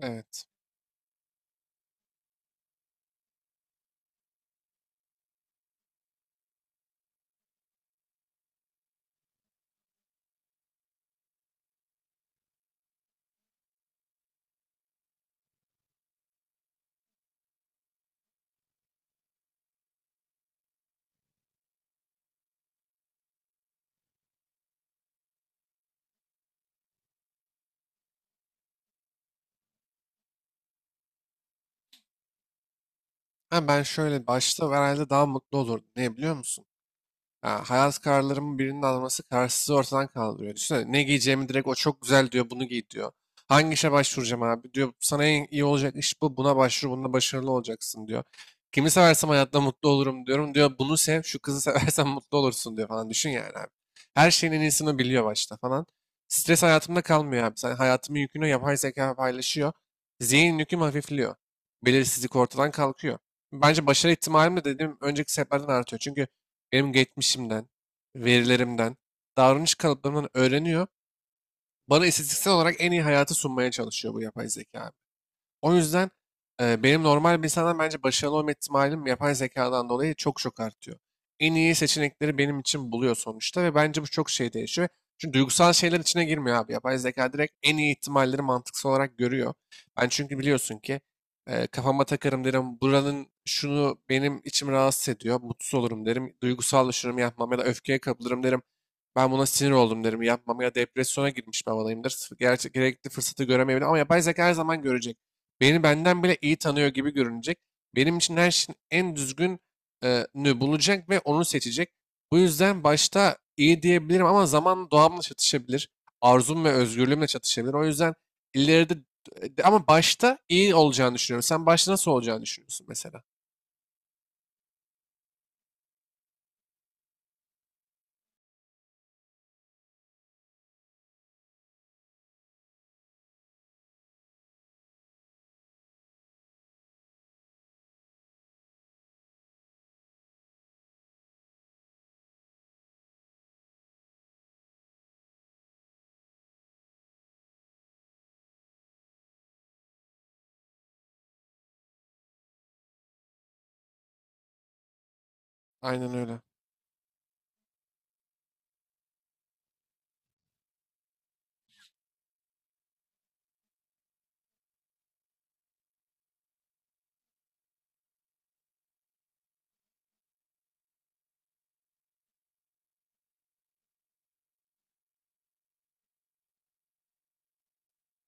Evet. Ha ben şöyle başta herhalde daha mutlu olurdum. Niye biliyor musun? Ya, hayat kararlarımın birinin alması kararsızlığı ortadan kaldırıyor. Düşünsene ne giyeceğimi direkt o çok güzel diyor bunu giy diyor. Hangi işe başvuracağım abi diyor. Sana en iyi olacak iş bu. Buna başvur bunda başarılı olacaksın diyor. Kimi seversem hayatta mutlu olurum diyorum diyor. Bunu sev şu kızı seversen mutlu olursun diyor falan. Düşün yani abi. Her şeyin en iyisini biliyor başta falan. Stres hayatımda kalmıyor abi. Sen hayatımın yükünü yapay zeka paylaşıyor. Zihin yüküm hafifliyor. Belirsizlik ortadan kalkıyor. Bence başarı ihtimalim de dediğim önceki seferden artıyor. Çünkü benim geçmişimden, verilerimden, davranış kalıplarımdan öğreniyor. Bana istatistiksel olarak en iyi hayatı sunmaya çalışıyor bu yapay zeka, o yüzden benim normal bir insandan bence başarılı olma ihtimalim yapay zekadan dolayı çok çok artıyor. En iyi seçenekleri benim için buluyor sonuçta ve bence bu çok şey değişiyor. Çünkü duygusal şeyler içine girmiyor abi. Yapay zeka direkt en iyi ihtimalleri mantıksal olarak görüyor. Ben çünkü biliyorsun ki kafama takarım derim buranın şunu benim içim rahatsız ediyor. Mutsuz olurum derim. Duygusallaşırım yapmam ya da öfkeye kapılırım derim. Ben buna sinir oldum derim yapmam ya depresyona girmiş bir havadayımdır. Gerçek, gerekli fırsatı göremeyebilirim ama yapay zeka her zaman görecek. Beni benden bile iyi tanıyor gibi görünecek. Benim için her şeyin en düzgün e, bulacak ve onu seçecek. Bu yüzden başta iyi diyebilirim ama zamanla doğamla çatışabilir. Arzum ve özgürlüğümle çatışabilir. O yüzden ileride ama başta iyi olacağını düşünüyorum. Sen başta nasıl olacağını düşünüyorsun mesela? Aynen öyle.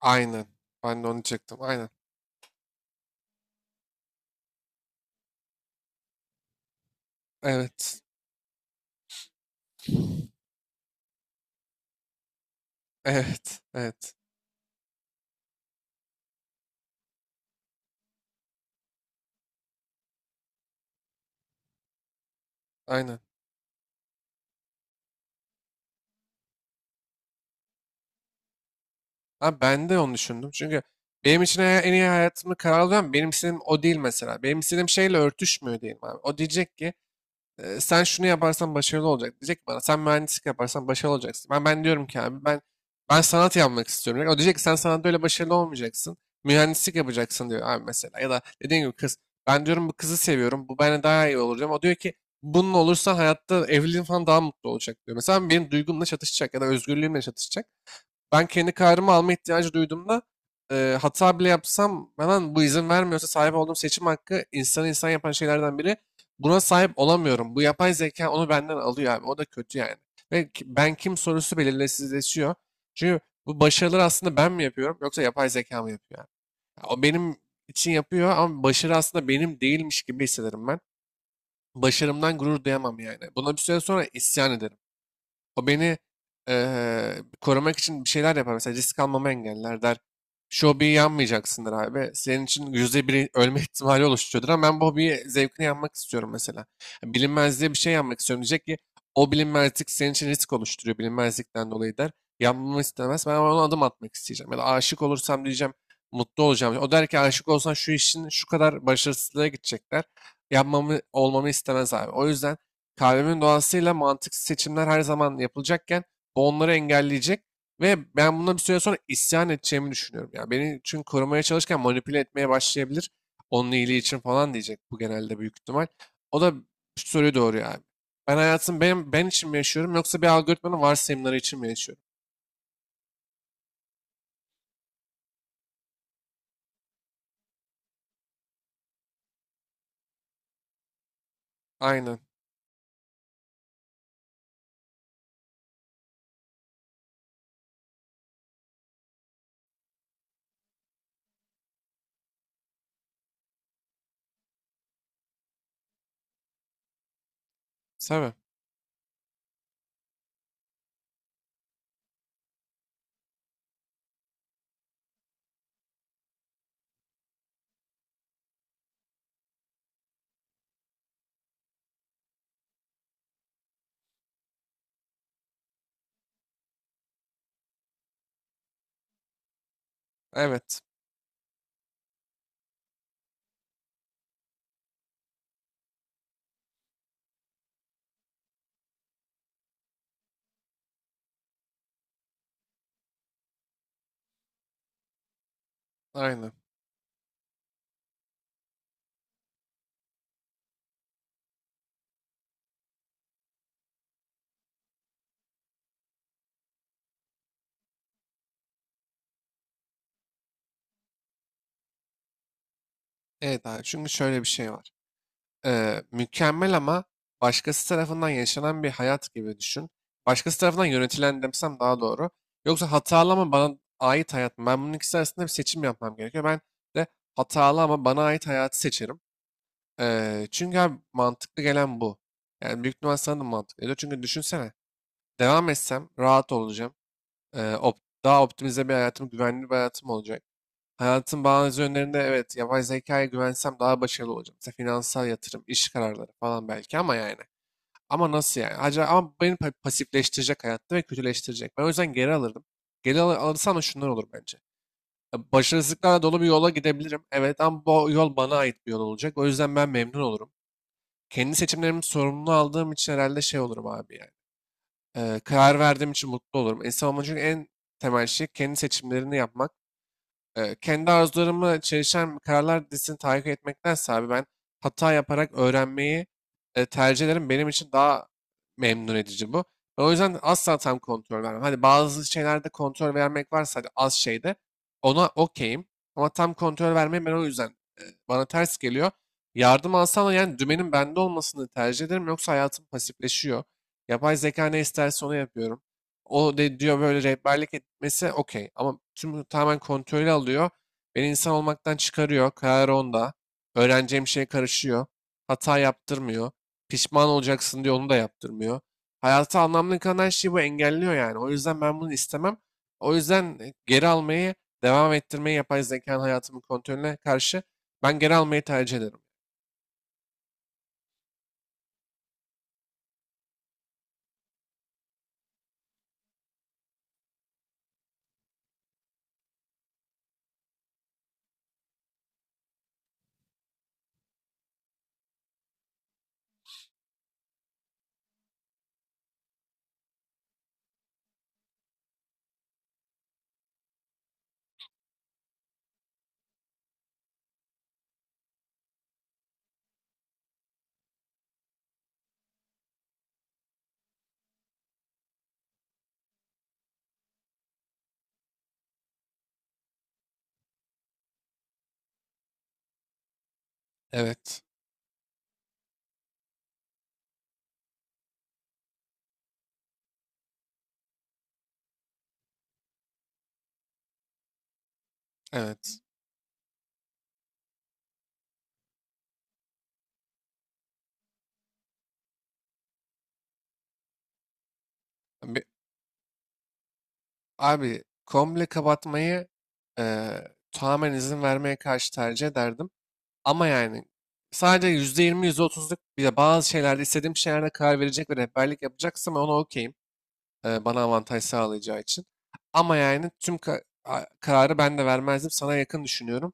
Aynen. Ben de onu diyecektim. Aynen. Evet. Evet. Evet. Aynen. Ha, ben de onu düşündüm. Çünkü benim için en iyi hayatımı kararlayan benim istediğim o değil mesela. Benim istediğim şeyle örtüşmüyor diyelim abi. O diyecek ki: "E, sen şunu yaparsan başarılı olacak." Diyecek ki bana, sen mühendislik yaparsan başarılı olacaksın. Ben diyorum ki abi, ben sanat yapmak istiyorum. O diyecek ki sen sanatta öyle başarılı olmayacaksın. Mühendislik yapacaksın diyor abi mesela. Ya da dediğim gibi, kız: ben diyorum bu kızı seviyorum, bu bana daha iyi olacağım. O diyor ki bunun olursa hayatta evliliğin falan daha mutlu olacak diyor. Mesela benim duygumla çatışacak ya da özgürlüğümle çatışacak. Ben kendi kararımı alma ihtiyacı duyduğumda hata bile yapsam bana bu izin vermiyorsa, sahip olduğum seçim hakkı insanı insan yapan şeylerden biri. Buna sahip olamıyorum. Bu yapay zeka onu benden alıyor abi. O da kötü yani. Ve ben kim sorusu belirsizleşiyor. Çünkü bu başarıları aslında ben mi yapıyorum yoksa yapay zeka mı yapıyor? Yani? Ya o benim için yapıyor ama başarı aslında benim değilmiş gibi hissederim ben. Başarımdan gurur duyamam yani. Buna bir süre sonra isyan ederim. O beni eee, korumak için bir şeyler yapar. Mesela risk almamı engeller der. Şu hobiyi yanmayacaksındır abi. Senin için yüzde biri ölme ihtimali oluşturuyordur ama ben bu hobiyi zevkine yanmak istiyorum mesela. Yani bilinmezliğe bir şey yanmak istiyorum, diyecek ki o bilinmezlik senin için risk oluşturuyor, bilinmezlikten dolayı, der. Yanmamı istemez. Ben ona adım atmak isteyeceğim. Ya da aşık olursam diyeceğim mutlu olacağım. O der ki aşık olsan şu işin şu kadar başarısızlığa gidecekler. Yapmamı, olmamı istemez abi. O yüzden kalbimin doğasıyla mantıksız seçimler her zaman yapılacakken bu onları engelleyecek ve ben bundan bir süre sonra isyan edeceğimi düşünüyorum. Ya, beni çünkü korumaya çalışırken manipüle etmeye başlayabilir. Onun iyiliği için falan diyecek, bu genelde büyük ihtimal. O da şu soruyu doğuruyor abi. Ben hayatım, ben, ben için mi yaşıyorum yoksa bir algoritmanın varsayımları için mi yaşıyorum? Aynen. Tabii. Evet. Aynen. Evet abi. Çünkü şöyle bir şey var. Mükemmel ama başkası tarafından yaşanan bir hayat gibi düşün. Başkası tarafından yönetilen demsem daha doğru. Yoksa hatalı ama bana ait hayat mı? Ben bunun ikisi arasında bir seçim yapmam gerekiyor. Ben de hatalı ama bana ait hayatı seçerim. Çünkü abi mantıklı gelen bu. Yani büyük ihtimal sana da mantıklı geliyor. Çünkü düşünsene, devam etsem rahat olacağım. E, op- daha optimize bir hayatım, güvenli bir hayatım olacak. Hayatın bazı yönlerinde evet, yapay zekaya güvensem daha başarılı olacağım. Mesela finansal yatırım, iş kararları falan, belki, ama yani. Ama nasıl yani? Acaba, ama beni pasifleştirecek hayatta ve kötüleştirecek. Ben o yüzden geri alırdım. Geri alırsam da şunlar olur bence. Ya, başarısızlıklarla dolu bir yola gidebilirim. Evet, ama bu yol bana ait bir yol olacak. O yüzden ben memnun olurum. Kendi seçimlerimi sorumlu aldığım için herhalde şey olurum abi yani. Karar verdiğim için mutlu olurum. İnsan olmanın çünkü en temel şey kendi seçimlerini yapmak. Kendi arzularımı çelişen kararlar dizisini takip etmektense abi, ben hata yaparak öğrenmeyi tercih ederim. Benim için daha memnun edici bu. Ben o yüzden asla tam kontrol vermem. Hani bazı şeylerde kontrol vermek varsa, hadi, az şeyde ona okeyim. Ama tam kontrol vermeyi ben, o yüzden bana ters geliyor. Yardım alsam da yani dümenin bende olmasını tercih ederim. Yoksa hayatım pasifleşiyor. Yapay zeka ne isterse onu yapıyorum. O de diyor, böyle rehberlik etmesi okey. Ama tüm, tamamen kontrolü alıyor. Beni insan olmaktan çıkarıyor. Karar onda. Öğreneceğim şeye karışıyor. Hata yaptırmıyor. Pişman olacaksın diyor, onu da yaptırmıyor. Hayata anlamlı kalan her şeyi bu engelliyor yani. O yüzden ben bunu istemem. O yüzden geri almayı, devam ettirmeyi, yapay zekanın hayatımın kontrolüne karşı ben geri almayı tercih ederim. Evet, evet. Abi, komple kapatmayı tamamen izin vermeye karşı tercih ederdim. Ama yani sadece %20, yüzde %30'luk bir de bazı şeylerde, istediğim şeylerde karar verecek ve rehberlik yapacaksam ona okeyim. Bana avantaj sağlayacağı için. Ama yani tüm kararı ben de vermezdim. Sana yakın düşünüyorum.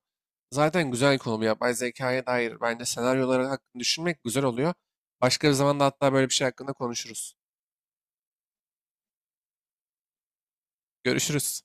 Zaten güzel bir konu bu, yapay zekaya dair. Bence senaryoları hakkında düşünmek güzel oluyor. Başka bir zamanda hatta böyle bir şey hakkında konuşuruz. Görüşürüz.